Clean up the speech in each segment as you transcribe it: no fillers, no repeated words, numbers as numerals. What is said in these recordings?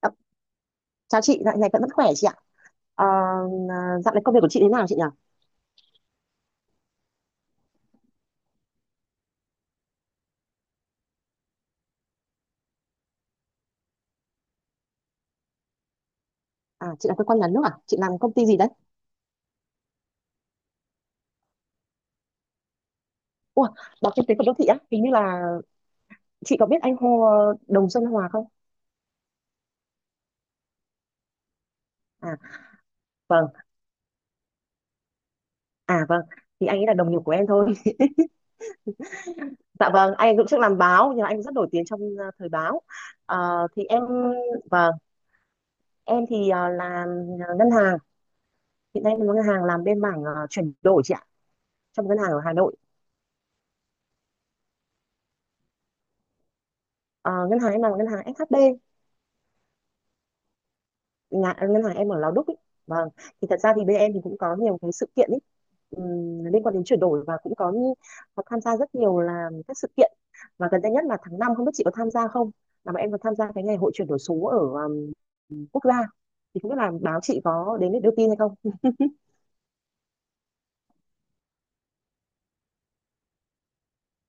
Ờ, Chào chị, dạo này vẫn vẫn khỏe chị ạ. Ờ, à, Dạo này công việc của chị thế nào chị nhỉ? À, chị làm cơ quan nhà nước à? Chị làm công ty gì đấy? Ủa, báo kinh tế của đô thị á? Hình như là chị có biết anh Hồ Đồng Xuân Hòa không? À, vâng. À, vâng. Thì anh ấy là đồng nghiệp của em thôi. Dạ vâng, anh ấy cũng trước làm báo, nhưng mà anh ấy rất nổi tiếng trong thời báo. Thì em, vâng, em thì làm ngân hàng. Hiện nay em làm ngân hàng, làm bên mảng chuyển đổi chị ạ, trong ngân hàng ở Hà Nội. Ờ, Ngân hàng em làm ngân hàng SHB. Nhà ngân hàng em ở Lò Đúc ấy. Vâng, thì thật ra thì bên em thì cũng có nhiều cái sự kiện ấy, liên quan đến chuyển đổi và cũng có, như có tham gia rất nhiều là các sự kiện. Và gần đây nhất là tháng năm, không biết chị có tham gia không, là bọn em có tham gia cái ngày hội chuyển đổi số ở quốc gia. Thì không biết là báo chị có đến để đưa tin hay không.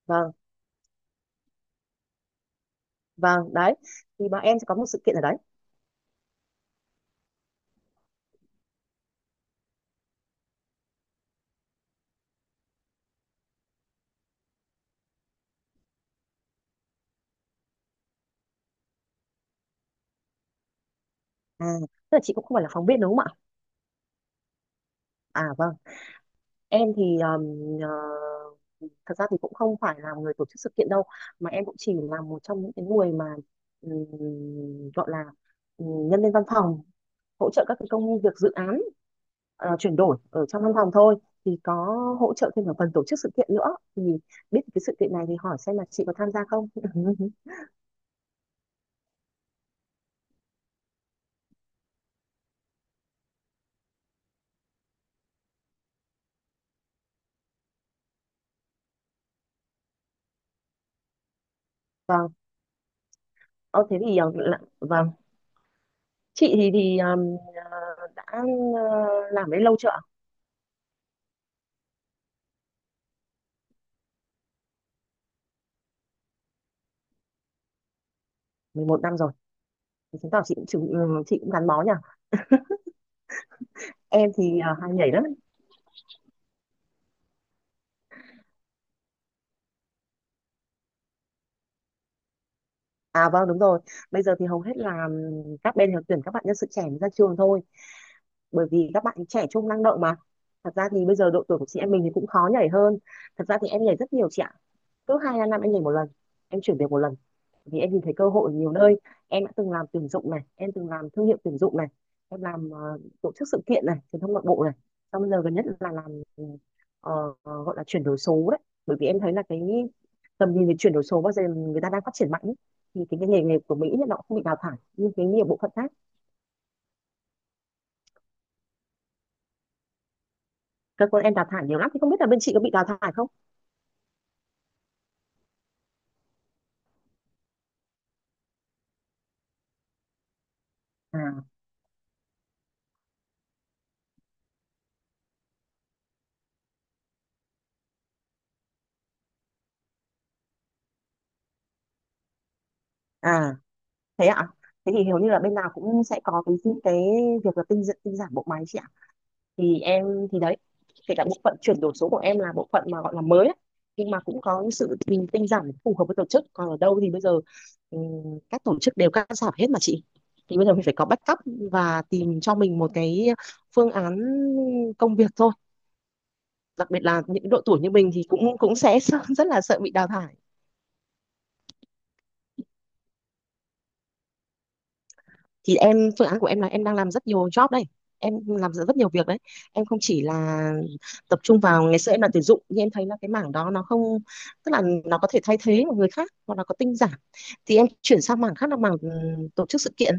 Vâng, vâng đấy, thì bọn em sẽ có một sự kiện ở đấy. À, tức là chị cũng không phải là phóng viên đúng không ạ? À vâng, em thì thật ra thì cũng không phải là người tổ chức sự kiện đâu, mà em cũng chỉ là một trong những cái người mà ừm, gọi là nhân viên văn phòng, hỗ trợ các cái công việc dự án chuyển đổi ở trong văn phòng thôi. Thì có hỗ trợ thêm ở phần tổ chức sự kiện nữa, thì biết cái sự kiện này thì hỏi xem là chị có tham gia không. Vâng. Ờ, Thế thì vâng, chị thì ờ, đã làm đấy lâu chưa ạ? 11 năm rồi. Thì chứng tỏ chị cũng gắn bó nhỉ. Em thì hay nhảy lắm. À vâng, đúng rồi. Bây giờ thì hầu hết là các bên đều tuyển các bạn nhân sự trẻ mới ra trường thôi, bởi vì các bạn trẻ trung năng động mà. Thật ra thì bây giờ độ tuổi của chị em mình thì cũng khó nhảy hơn. Thật ra thì em nhảy rất nhiều chị ạ. Cứ hai ba năm em nhảy một lần, em chuyển việc một lần, vì em nhìn thấy cơ hội ở nhiều nơi. Em đã từng làm tuyển dụng này, em từng làm thương hiệu tuyển dụng này, em làm tổ chức sự kiện này, truyền thông nội bộ này. Xong bây giờ gần nhất là làm gọi là chuyển đổi số đấy. Bởi vì em thấy là cái tầm nhìn về chuyển đổi số bao giờ người ta đang phát triển mạnh ý. Thì cái nghề nghề của Mỹ nó cũng không bị đào thải, nhưng cái nhiều bộ phận khác cơ quan em đào thải nhiều lắm. Thì không biết là bên chị có bị đào thải không? À, à thế ạ. Thế thì hầu như là bên nào cũng sẽ có cái việc là tinh tinh giản bộ máy chị ạ. Thì em, thì đấy, kể cả bộ phận chuyển đổi số của em là bộ phận mà gọi là mới ấy, nhưng mà cũng có sự mình tinh giản phù hợp với tổ chức. Còn ở đâu thì bây giờ các tổ chức đều cắt giảm hết mà chị. Thì bây giờ mình phải có backup và tìm cho mình một cái phương án công việc thôi. Đặc biệt là những độ tuổi như mình thì cũng cũng sẽ rất là sợ bị đào thải. Thì em, phương án của em là em đang làm rất nhiều job đây. Em làm rất rất nhiều việc đấy. Em không chỉ là tập trung vào, ngày xưa em làm tuyển dụng nhưng em thấy là cái mảng đó nó không, tức là nó có thể thay thế một người khác hoặc là có tinh giản. Thì em chuyển sang mảng khác là mảng tổ chức sự kiện,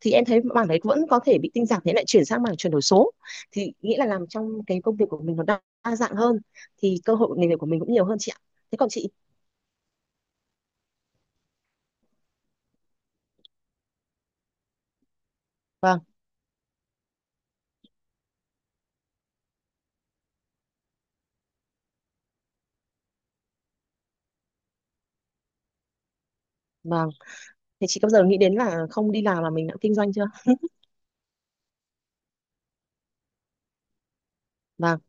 thì em thấy mảng đấy vẫn có thể bị tinh giản, thế lại chuyển sang mảng chuyển đổi số. Thì nghĩa là làm trong cái công việc của mình nó đa dạng hơn, thì cơ hội nghề nghiệp của mình cũng nhiều hơn chị ạ. Thế còn chị? Vâng, vâng. Thế chị có bao giờ nghĩ đến là không đi làm mà mình đã kinh doanh chưa? Vâng.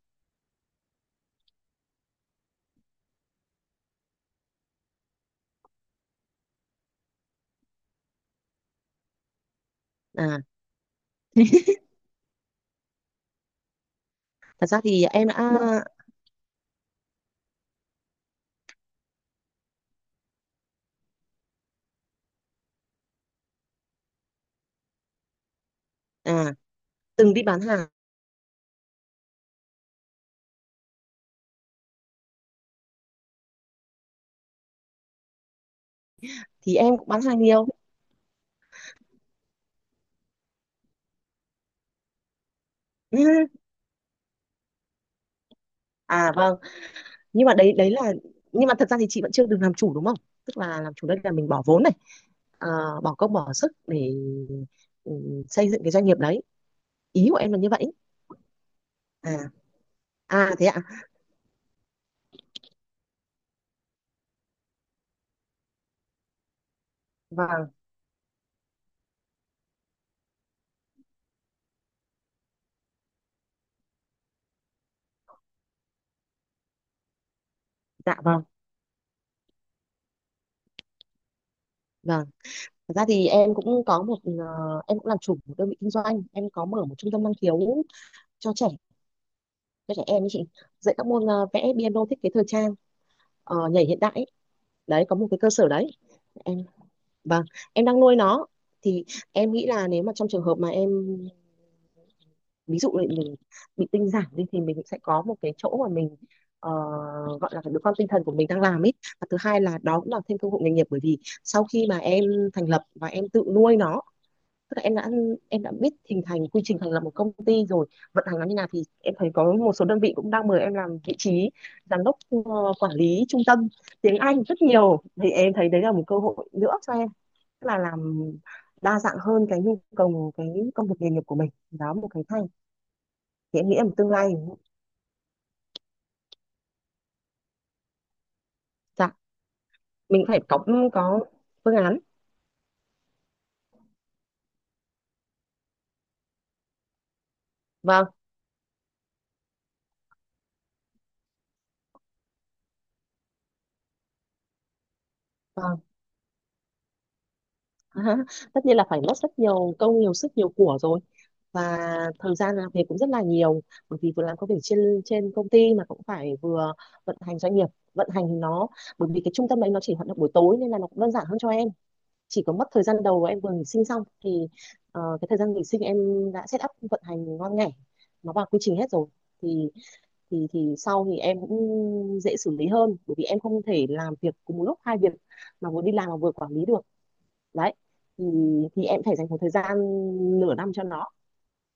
À, thật ra thì em đã, dạ, à, từng đi bán hàng, thì em cũng bán hàng nhiều. À vâng. nhưng mà đấy đấy là Nhưng mà thật ra thì chị vẫn chưa được làm chủ đúng không? Tức là làm chủ đây là mình bỏ vốn này, à, bỏ công bỏ sức để, ừ, xây dựng cái doanh nghiệp đấy. Ý của em là như vậy. À, à thế ạ. Vâng. Dạ vâng, vâng. Thật ra thì em cũng có một ờ, em cũng làm chủ một đơn vị kinh doanh, em có mở một trung tâm năng khiếu cho trẻ, cho trẻ em ấy chị. Dạy các môn vẽ, piano, thiết kế thời trang, nhảy hiện đại ấy. Đấy, có một cái cơ sở đấy. Em, vâng, em đang nuôi nó. Thì em nghĩ là nếu mà trong trường hợp mà em, ví dụ là mình bị tinh giản đi, thì mình sẽ có một cái chỗ mà mình ờ, gọi là đứa con tinh thần của mình đang làm ấy. Và thứ hai là đó cũng là thêm cơ hội nghề nghiệp, bởi vì sau khi mà em thành lập và em tự nuôi nó, tức là em đã, em đã biết hình thành quy trình thành lập một công ty rồi, vận hành nó như nào. Thì em thấy có một số đơn vị cũng đang mời em làm vị trí giám đốc, quản lý trung tâm tiếng Anh rất nhiều. Thì em thấy đấy là một cơ hội nữa cho em, tức là làm đa dạng hơn cái nhu cầu, cái công việc nghề nghiệp của mình. Đó một cái hay. Thì em nghĩ là một tương lai. Dạ, mình phải có, có phương án. Vâng, vâng. Tất nhiên là phải mất rất nhiều công, nhiều sức, nhiều của rồi. Và thời gian làm việc cũng rất là nhiều, bởi vì vừa làm công việc trên, công ty mà cũng phải vừa vận hành doanh nghiệp, vận hành nó. Bởi vì cái trung tâm đấy nó chỉ hoạt động buổi tối nên là nó cũng đơn giản hơn cho em. Chỉ có mất thời gian đầu em vừa nghỉ sinh xong thì cái thời gian nghỉ sinh em đã set up vận hành ngon nghẻ, nó vào quy trình hết rồi. Thì thì thì sau thì em cũng dễ xử lý hơn, bởi vì em không thể làm việc cùng một lúc hai việc, mà vừa đi làm mà vừa quản lý được đấy. Thì thì em phải dành một thời gian nửa năm cho nó,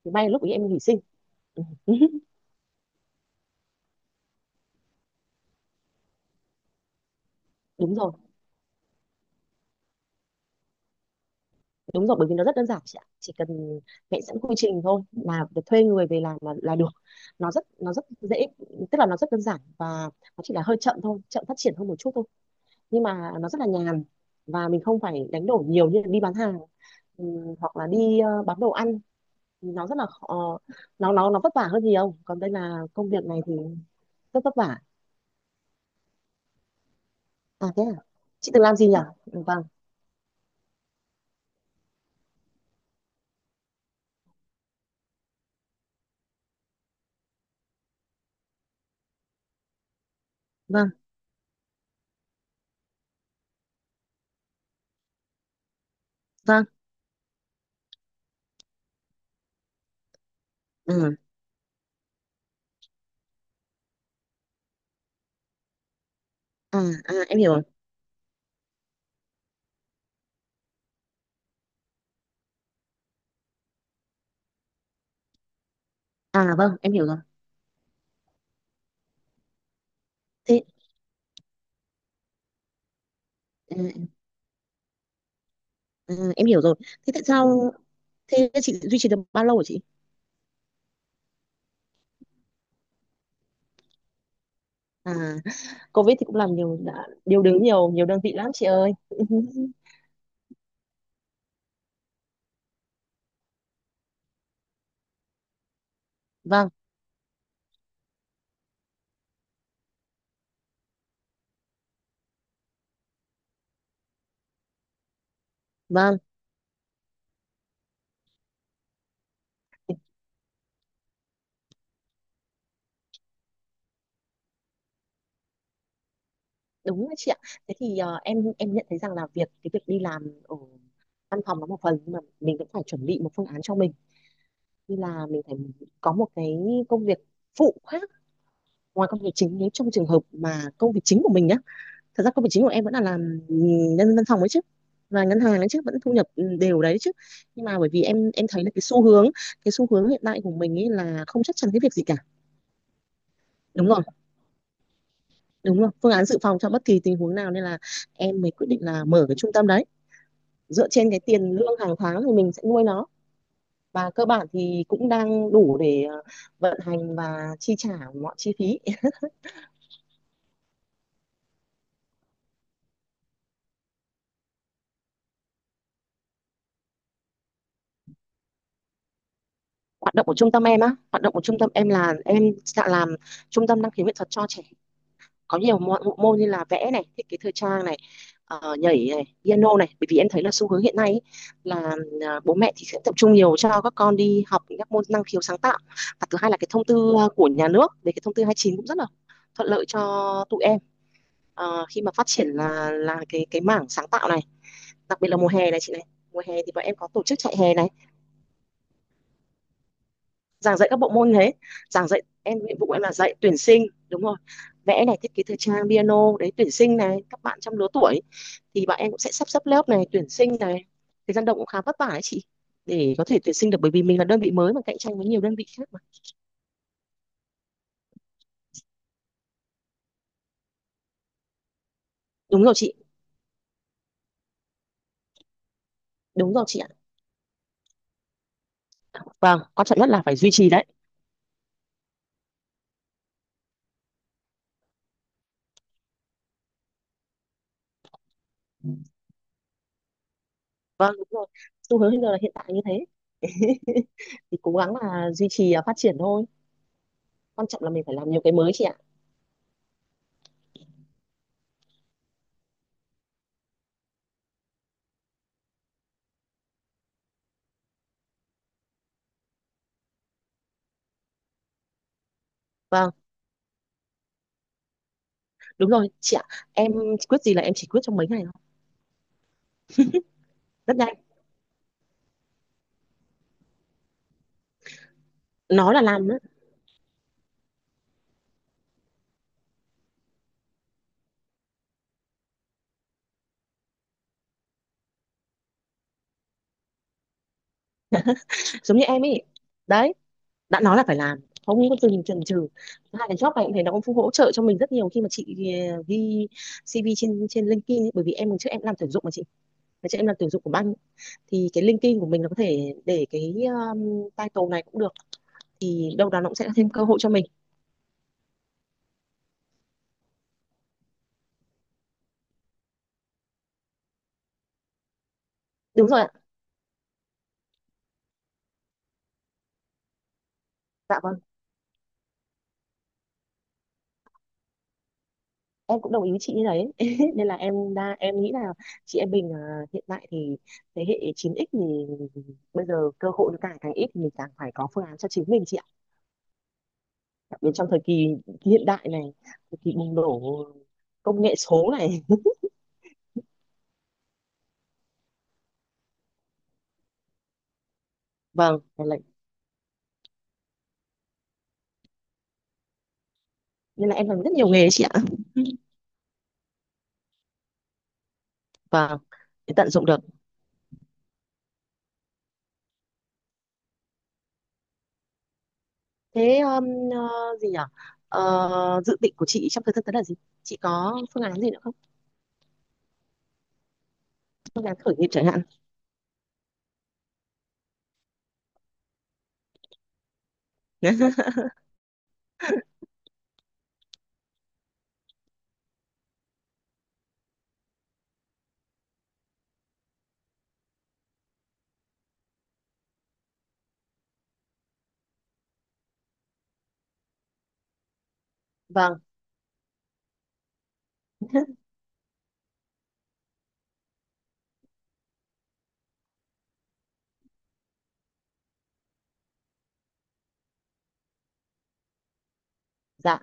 thì may là lúc ấy em nghỉ sinh. Đúng rồi. Đúng rồi, bởi vì nó rất đơn giản chị ạ. Chỉ cần vẽ sẵn quy trình thôi là việc thuê người về làm là được. Nó rất dễ, tức là nó rất đơn giản và nó chỉ là hơi chậm thôi, chậm phát triển hơn một chút thôi. Nhưng mà nó rất là nhàn, và mình không phải đánh đổi nhiều như đi bán hàng, hoặc là đi bán đồ ăn. Nó rất là khó, nó vất vả hơn nhiều. Còn đây là công việc này thì rất vất vả. À thế à? Chị từng làm gì nhỉ? Ừ. Vâng, vâng, vâng. Ừ. À, à em hiểu rồi. À vâng, em hiểu rồi. Thế ừ, ừ, em hiểu rồi. Thế tại sao, thế chị duy trì được bao lâu hả chị? À, Covid thì cũng làm nhiều đã điều đứng nhiều, đơn vị lắm chị ơi. Vâng, vâng, đúng đấy chị ạ. Thế thì em nhận thấy rằng là cái việc đi làm ở văn phòng nó một phần, nhưng mà mình cũng phải chuẩn bị một phương án cho mình, như là mình phải có một cái công việc phụ khác ngoài công việc chính, nếu trong trường hợp mà công việc chính của mình nhá. Thật ra công việc chính của em vẫn là làm nhân văn phòng ấy chứ, và ngân hàng ấy chứ, vẫn thu nhập đều đấy chứ. Nhưng mà bởi vì em thấy là cái xu hướng hiện tại của mình ấy là không chắc chắn cái việc gì cả. Đúng rồi, đúng rồi, phương án dự phòng cho bất kỳ tình huống nào, nên là em mới quyết định là mở cái trung tâm đấy. Dựa trên cái tiền lương hàng tháng thì mình sẽ nuôi nó, và cơ bản thì cũng đang đủ để vận hành và chi trả mọi chi phí hoạt động của trung tâm em á. Hoạt động của trung tâm em là em sẽ làm trung tâm năng khiếu nghệ thuật cho trẻ, có nhiều môn như là vẽ này, thiết kế thời trang này, nhảy này, piano này. Bởi vì em thấy là xu hướng hiện nay ý, là bố mẹ thì sẽ tập trung nhiều cho các con đi học những các môn năng khiếu sáng tạo. Và thứ hai là cái thông tư của nhà nước, về cái thông tư 29 cũng rất là thuận lợi cho tụi em khi mà phát triển là cái mảng sáng tạo này. Đặc biệt là mùa hè này chị này, mùa hè thì bọn em có tổ chức chạy hè này, giảng dạy các bộ môn thế. Giảng dạy, em nhiệm vụ em là dạy tuyển sinh, đúng rồi, vẽ này, thiết kế thời trang, piano đấy, tuyển sinh này các bạn trong lứa tuổi, thì bọn em cũng sẽ sắp xếp lớp này, tuyển sinh này. Thời gian động cũng khá vất vả ấy chị, để có thể tuyển sinh được, bởi vì mình là đơn vị mới mà cạnh tranh với nhiều đơn vị khác mà. Đúng rồi chị, đúng rồi chị ạ. Vâng, quan trọng nhất là phải duy trì đấy. Vâng, đúng rồi, xu hướng hiện giờ là hiện tại như thế. Thì cố gắng là duy trì phát triển thôi. Quan trọng là mình phải làm nhiều cái mới chị ạ. Vâng, đúng rồi chị ạ. Em quyết gì là em chỉ quyết trong mấy ngày thôi, rất nhanh, nói là làm nữa, giống như em ấy đấy. Đã nói là phải làm, không có dừng chần chừ. Hai cái job này cũng thế, nó cũng hỗ trợ cho mình rất nhiều khi mà chị ghi CV trên trên LinkedIn ấy, bởi vì em trước em làm tuyển dụng mà chị. Ngày trước em làm tuyển dụng của banh, thì cái LinkedIn của mình nó có thể để cái title này cũng được, thì đâu đó nó cũng sẽ thêm cơ hội cho mình. Đúng rồi ạ. Dạ vâng, em cũng đồng ý với chị như đấy. Nên là em đa em nghĩ là chị em mình hiện tại thì thế hệ 9x thì bây giờ cơ hội nó càng càng ít, thì mình càng phải có phương án cho chính mình chị ạ. Đến trong thời kỳ hiện đại này, thời kỳ bùng nổ công nghệ số này. vâng nên là, Nên là em làm rất nhiều nghề chị ạ. Vâng, để tận dụng được thế. Ờ, gì nhỉ Dự định của chị trong thời gian tới là gì, chị có phương án gì nữa không, phương án khởi nghiệp chẳng hạn? Vâng. Dạ,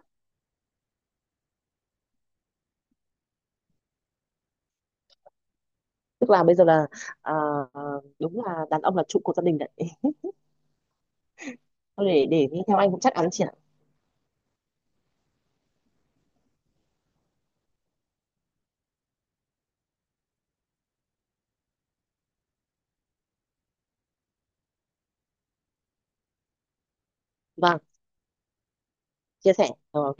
tức là bây giờ là, ờ, đúng là đàn ông là trụ cột gia đình đấy. Thôi để nghe theo anh cũng chắc chắn chị ạ. Vâng, chia sẻ. Ờ, ok.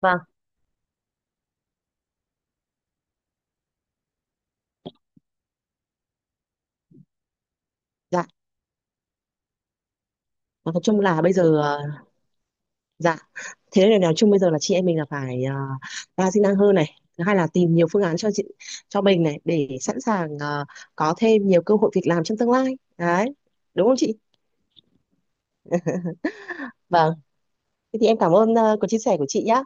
Vâng. Dạ. Và nói chung là bây giờ dạ, thế nên là nói chung bây giờ là chị em mình là phải, đa di năng hơn này, thứ hai là tìm nhiều phương án cho chị cho mình này, để sẵn sàng có thêm nhiều cơ hội việc làm trong tương lai. Đấy, đúng không chị? Vâng, thế thì em cảm ơn cuộc chia sẻ của chị nhá.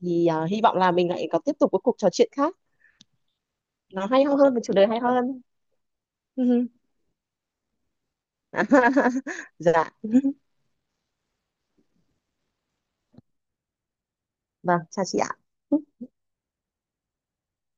Thì hy vọng là mình lại có tiếp tục cái cuộc trò chuyện khác nó hay ho hơn, và chủ đề hay ho hơn. Dạ, vâng, chào chị ạ.